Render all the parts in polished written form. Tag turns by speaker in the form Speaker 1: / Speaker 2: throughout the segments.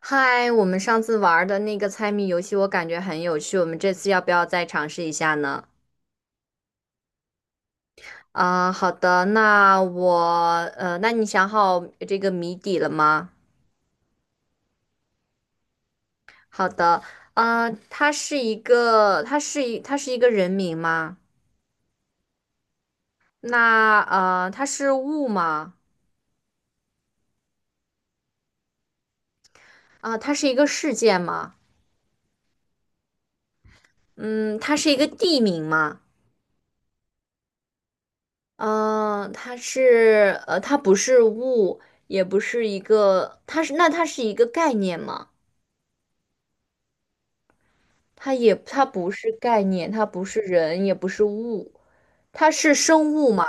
Speaker 1: 嗨，我们上次玩的那个猜谜游戏，我感觉很有趣，我们这次要不要再尝试一下呢？啊、好的，那我那你想好这个谜底了吗？好的，它是一个人名吗？那它是物吗？啊、它是一个事件吗？嗯，它是一个地名吗？它不是物，也不是一个，它是那它是一个概念吗？它不是概念，它不是人，也不是物，它是生物吗？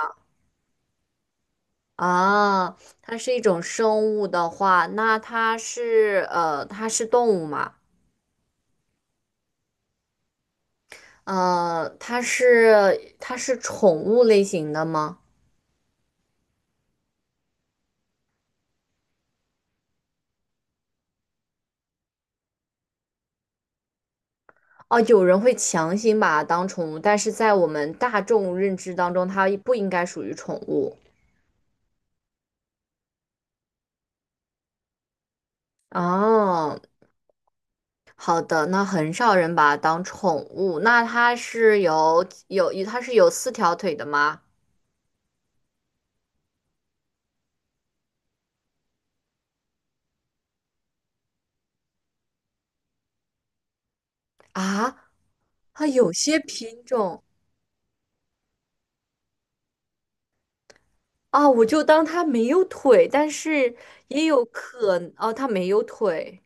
Speaker 1: 啊，它是一种生物的话，那它是动物吗？它是宠物类型的吗？哦，有人会强行把它当宠物，但是在我们大众认知当中，它不应该属于宠物。哦，好的，那很少人把它当宠物。那它是有四条腿的吗？啊，它有些品种。啊，我就当它没有腿，但是也有可哦，它没有腿，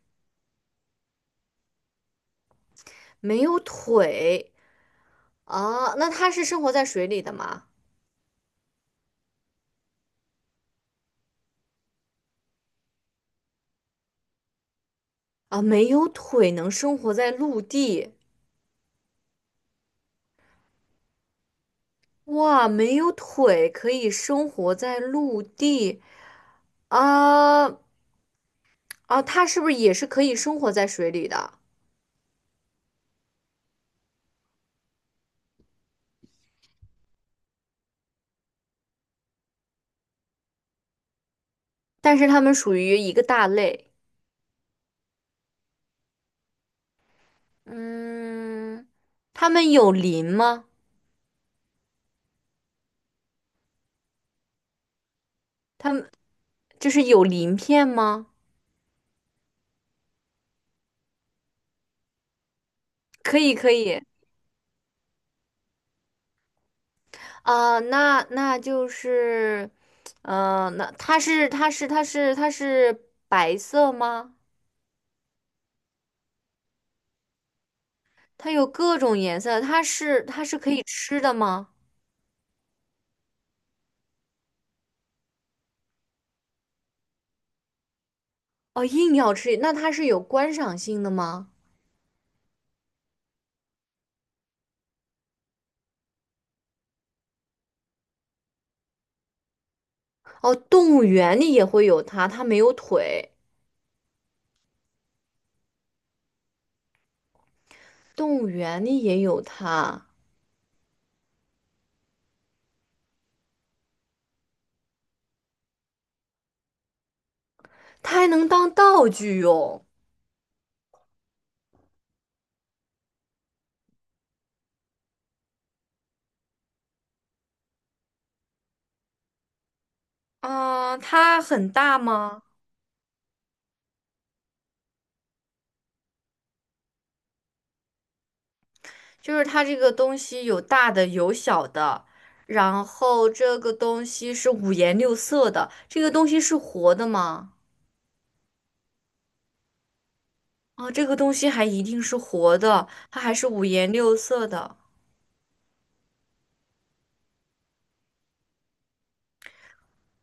Speaker 1: 没有腿。啊，那它是生活在水里的吗？啊，没有腿能生活在陆地，哇，没有腿可以生活在陆地。啊。啊，它是不是也是可以生活在水里的？但是它们属于一个大类。嗯，它们有鳞吗？它们。就是有鳞片吗？可以，可以。啊、那那就是，那它是白色吗？它有各种颜色，它是可以吃的吗？哦，硬要吃，那它是有观赏性的吗？哦，动物园里也会有它，它没有腿，动物园里也有它，它还能当道具用。啊、它很大吗？就是它这个东西有大的有小的，然后这个东西是五颜六色的，这个东西是活的吗？啊，这个东西还一定是活的，它还是五颜六色的。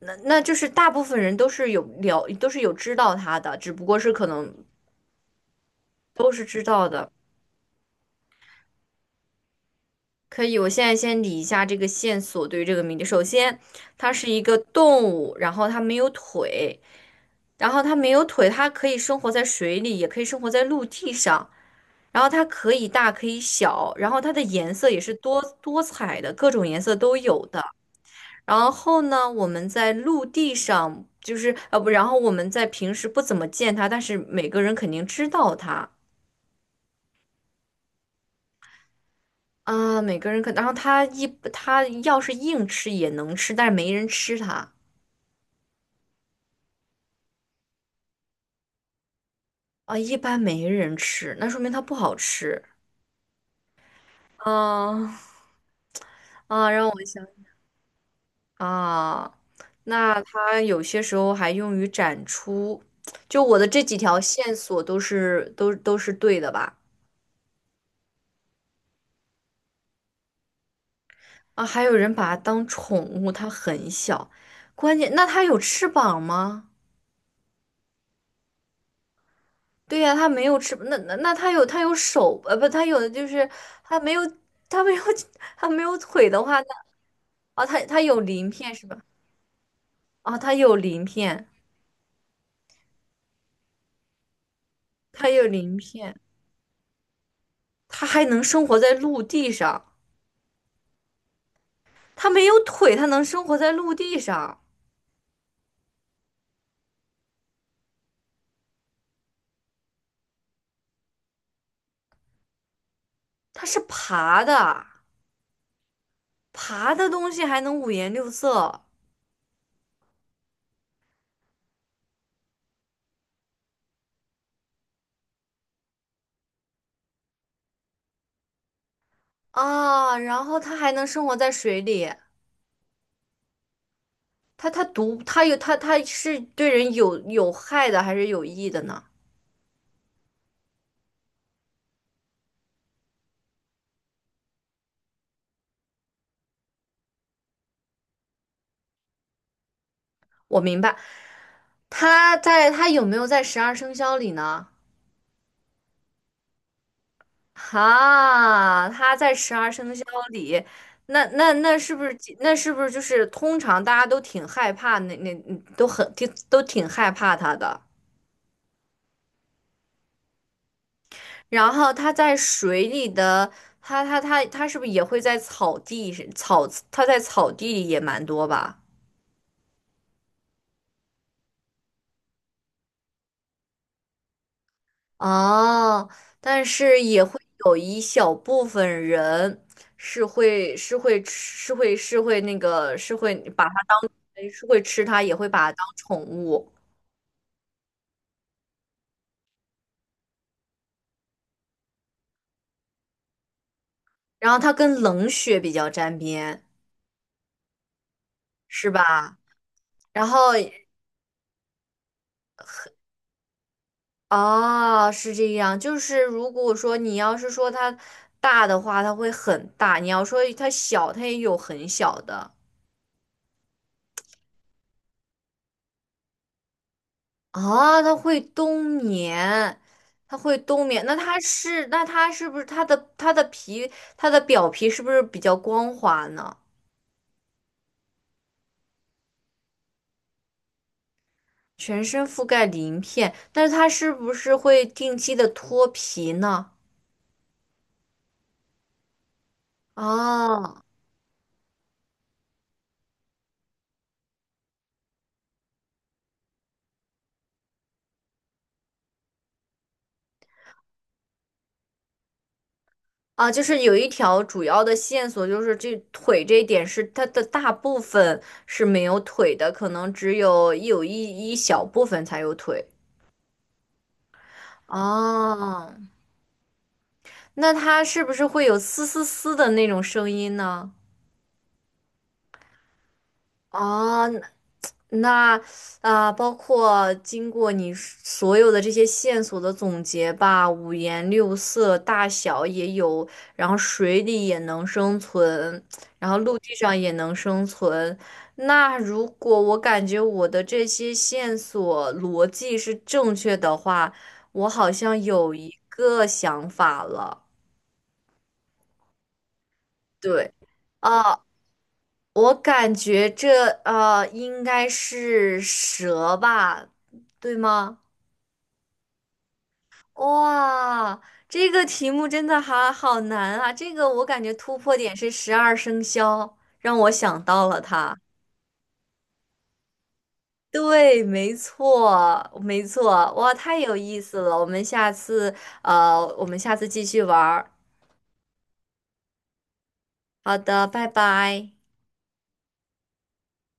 Speaker 1: 那那就是大部分人都是有知道它的，只不过是可能都是知道的。可以，我现在先理一下这个线索对于这个谜底。首先，它是一个动物，然后它没有腿，然后它没有腿，它可以生活在水里，也可以生活在陆地上，然后它可以大可以小，然后它的颜色也是多多彩的，各种颜色都有的。然后呢，我们在陆地上就是呃不，然后我们在平时不怎么见它，但是每个人肯定知道它。啊，每个人可，然后他一他要是硬吃也能吃，但是没人吃它。啊，一般没人吃，那说明它不好吃。啊 啊，让我想。啊，那它有些时候还用于展出，就我的这几条线索都是对的吧？啊，还有人把它当宠物，它很小，关键那它有翅膀吗？对呀、他没有翅那那那他有的就是他没有他没有 他没有腿的话，那啊，他他有鳞片是吧？啊，他有鳞片，他有鳞片，他还能生活在陆地上，他没有腿，他能生活在陆地上，它是爬的，爬的东西还能五颜六色。啊，然后它还能生活在水里，它它毒，它有它它是对人有有害的还是有益的呢？我明白。他有没有在十二生肖里呢？哈，他在十二生肖里，那那那是不是那是不是就是通常大家都挺害怕他的。然后他在水里的，他是不是也会在草地草他在草地里也蛮多吧？哦，但是也会有一小部分人是会是会吃是会是会那个是会把它是会吃它，也会把它当宠物。然后它跟冷血比较沾边，是吧？然后哦，是这样，就是如果说你要是说它大的话，它会很大；你要说它小，它也有很小的。啊，它会冬眠，它会冬眠。那它是，那它是不是它的它的皮，它的表皮是不是比较光滑呢？全身覆盖鳞片，但是它是不是会定期的脱皮呢？啊。啊，就是有一条主要的线索，就是这腿这一点是它的大部分是没有腿的，可能只有一有一一小部分才有腿。哦、那它是不是会有嘶嘶嘶的那种声音呢？啊，那包括经过你所有的这些线索的总结吧，五颜六色，大小也有，然后水里也能生存，然后陆地上也能生存。那如果我感觉我的这些线索逻辑是正确的话，我好像有一个想法了，对。啊。我感觉这应该是蛇吧，对吗？哇，这个题目真的好好难啊！这个我感觉突破点是十二生肖，让我想到了它。对，没错，没错，哇，太有意思了！我们下次我们下次继续玩儿。好的，拜拜。